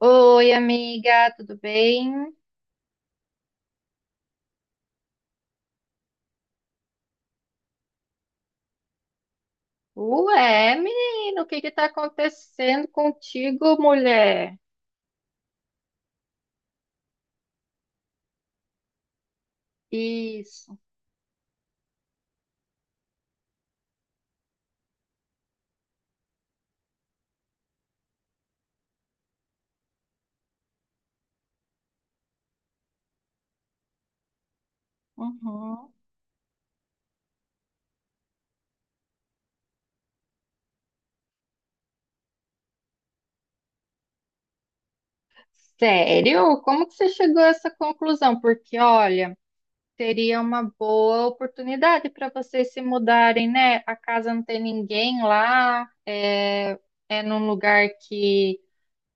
Oi, amiga, tudo bem? Ué, menino, o que que tá acontecendo contigo, mulher? Isso. Uhum. Sério? Como que você chegou a essa conclusão? Porque, olha, seria uma boa oportunidade para vocês se mudarem, né? A casa não tem ninguém lá, é, é num lugar que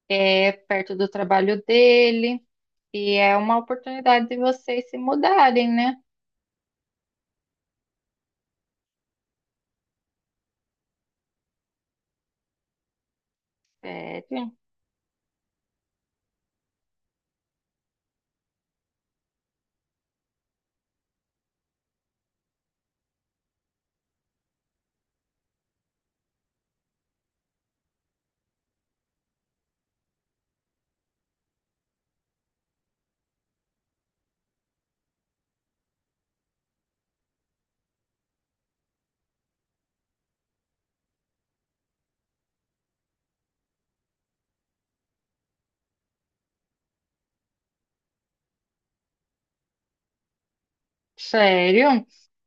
é perto do trabalho dele, e é uma oportunidade de vocês se mudarem, né? Sério? Sério?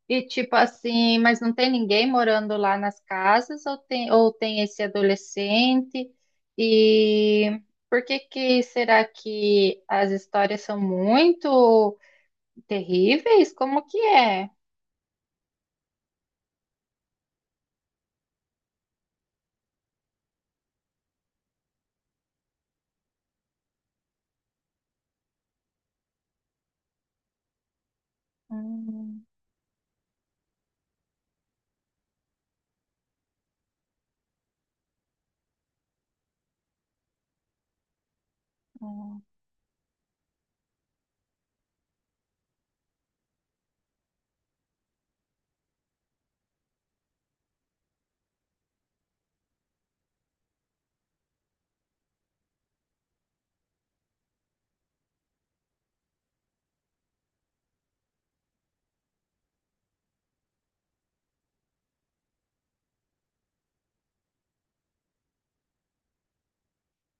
E tipo assim, mas não tem ninguém morando lá nas casas ou tem esse adolescente? E por que que será que as histórias são muito terríveis? Como que é? Hum, hum.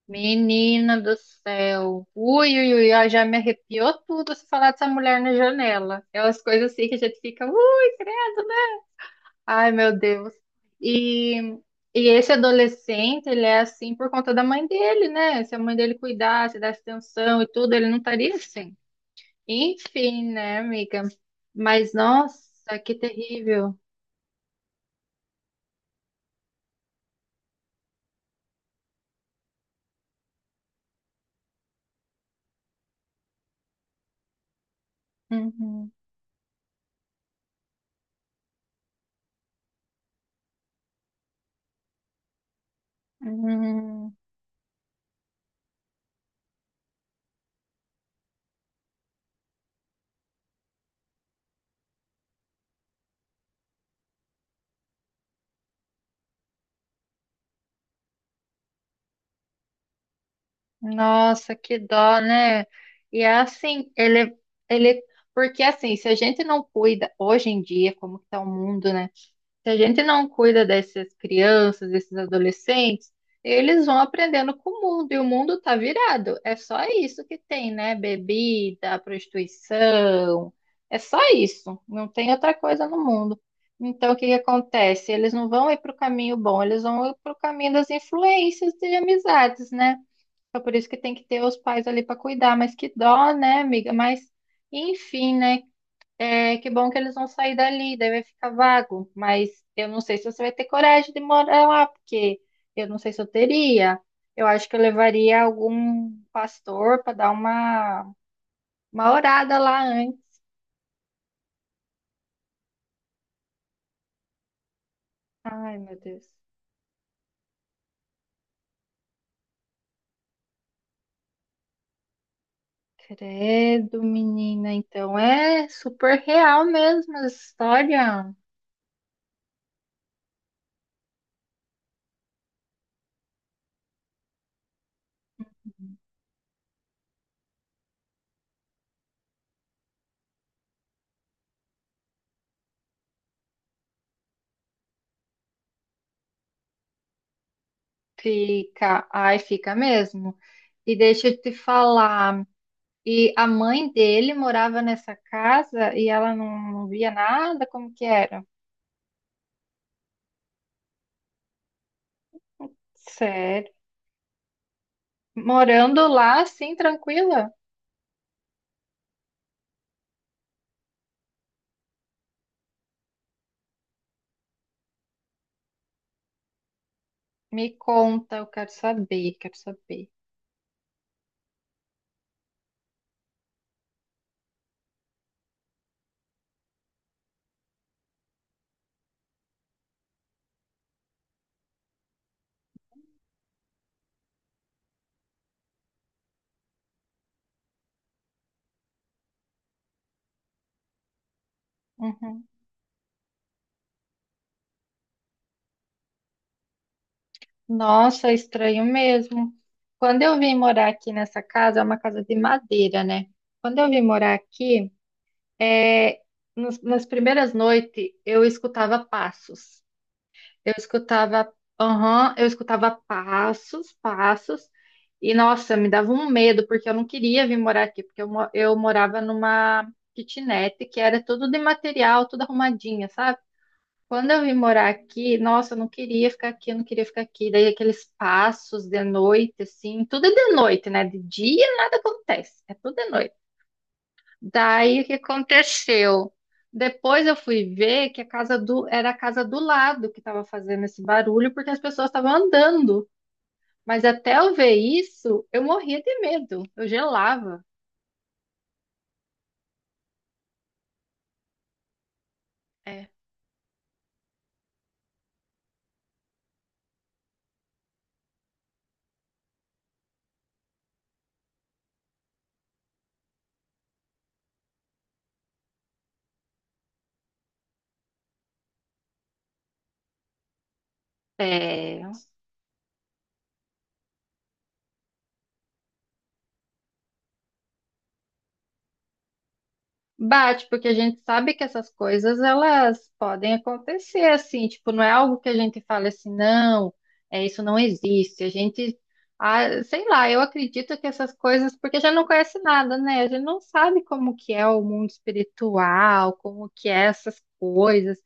Menina do céu. Ui, ui, ui, ó, já me arrepiou tudo se falar dessa mulher na janela. É umas coisas assim que a gente fica, ui, credo. Ai, meu Deus. E, e esse adolescente, ele é assim por conta da mãe dele, né? Se a mãe dele cuidasse, desse atenção e tudo, ele não estaria assim. Enfim, né, amiga? Mas, nossa, que terrível. Uhum, uhum. Nossa, que dó, né? E é assim, ele, é, ele... Porque, assim, se a gente não cuida, hoje em dia, como que tá o mundo, né? Se a gente não cuida dessas crianças, desses adolescentes, eles vão aprendendo com o mundo e o mundo tá virado. É só isso que tem, né? Bebida, prostituição, é só isso. Não tem outra coisa no mundo. Então, o que que acontece? Eles não vão ir para o caminho bom, eles vão ir para o caminho das influências de amizades, né? É por isso que tem que ter os pais ali para cuidar, mas que dó, né, amiga? Mas, enfim, né? É, que bom que eles vão sair dali, daí vai ficar vago. Mas eu não sei se você vai ter coragem de morar lá, porque eu não sei se eu teria. Eu acho que eu levaria algum pastor para dar uma orada lá antes. Ai, meu Deus. Credo, menina. Então é super real mesmo essa história. Fica, ai, fica mesmo. E deixa eu te falar. E a mãe dele morava nessa casa e ela não, não via nada, como que era? Sério. Morando lá, assim, tranquila? Me conta, eu quero saber, quero saber. Uhum. Nossa, é estranho mesmo. Quando eu vim morar aqui nessa casa, é uma casa de madeira, né? Quando eu vim morar aqui, é, nas primeiras noites, eu escutava passos. Eu escutava, aham, eu escutava passos, passos, e nossa, me dava um medo, porque eu não queria vir morar aqui, porque eu, eu morava numa kitnet que era tudo de material, tudo arrumadinha, sabe? Quando eu vim morar aqui, nossa, eu não queria ficar aqui, eu não queria ficar aqui. Daí aqueles passos de noite, assim, tudo é de noite, né? De dia nada acontece, é tudo de noite. Daí o que aconteceu? Depois eu fui ver que a casa do era a casa do lado que estava fazendo esse barulho, porque as pessoas estavam andando. Mas até eu ver isso, eu morria de medo, eu gelava. É. É, bate, porque a gente sabe que essas coisas elas podem acontecer assim, tipo, não é algo que a gente fala assim, não, é isso não existe. A gente, ah, sei lá, eu acredito que essas coisas, porque já não conhece nada, né? A gente não sabe como que é o mundo espiritual, como que é essas coisas.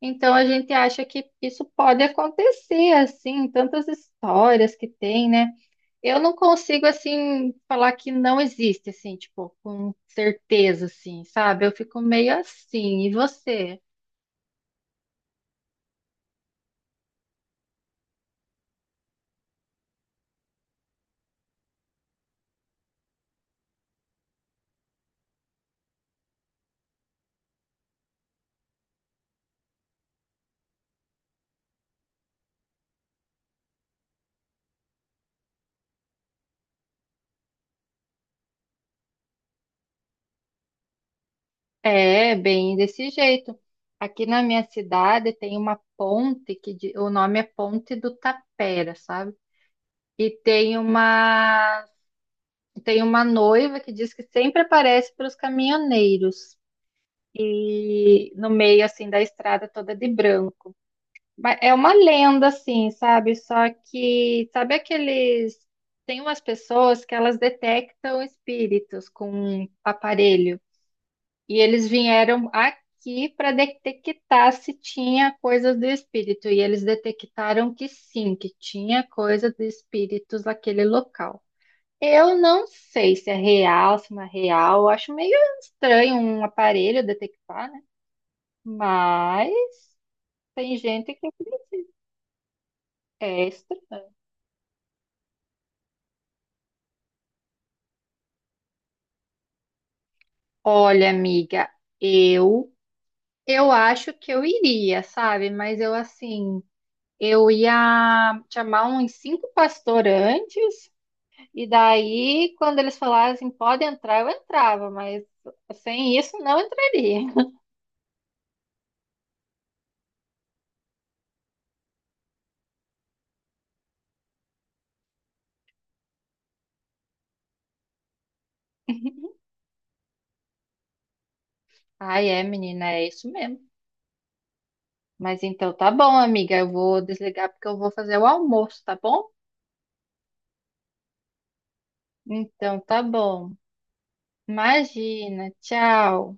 Então a gente acha que isso pode acontecer assim, tantas histórias que tem, né? Eu não consigo, assim, falar que não existe, assim, tipo, com certeza, assim, sabe? Eu fico meio assim. E você? É, bem desse jeito. Aqui na minha cidade tem uma ponte que o nome é Ponte do Tapera, sabe? E tem uma noiva que diz que sempre aparece para os caminhoneiros e no meio assim da estrada toda de branco. Mas é uma lenda, assim, sabe? Só que, sabe aqueles. Tem umas pessoas que elas detectam espíritos com um aparelho. E eles vieram aqui para detectar se tinha coisas do espírito. E eles detectaram que sim, que tinha coisas do espíritos naquele local. Eu não sei se é real, se não é real. Eu acho meio estranho um aparelho detectar, né? Mas tem gente que acredita. É estranho. Olha, amiga, eu eu acho que eu iria, sabe? Mas eu assim, eu ia chamar uns cinco pastores antes, e daí quando eles falassem pode entrar, eu entrava, mas sem isso não entraria. Ai, é, menina, é isso mesmo. Mas então tá bom, amiga, eu vou desligar porque eu vou fazer o almoço, tá bom? Então tá bom. Imagina, tchau.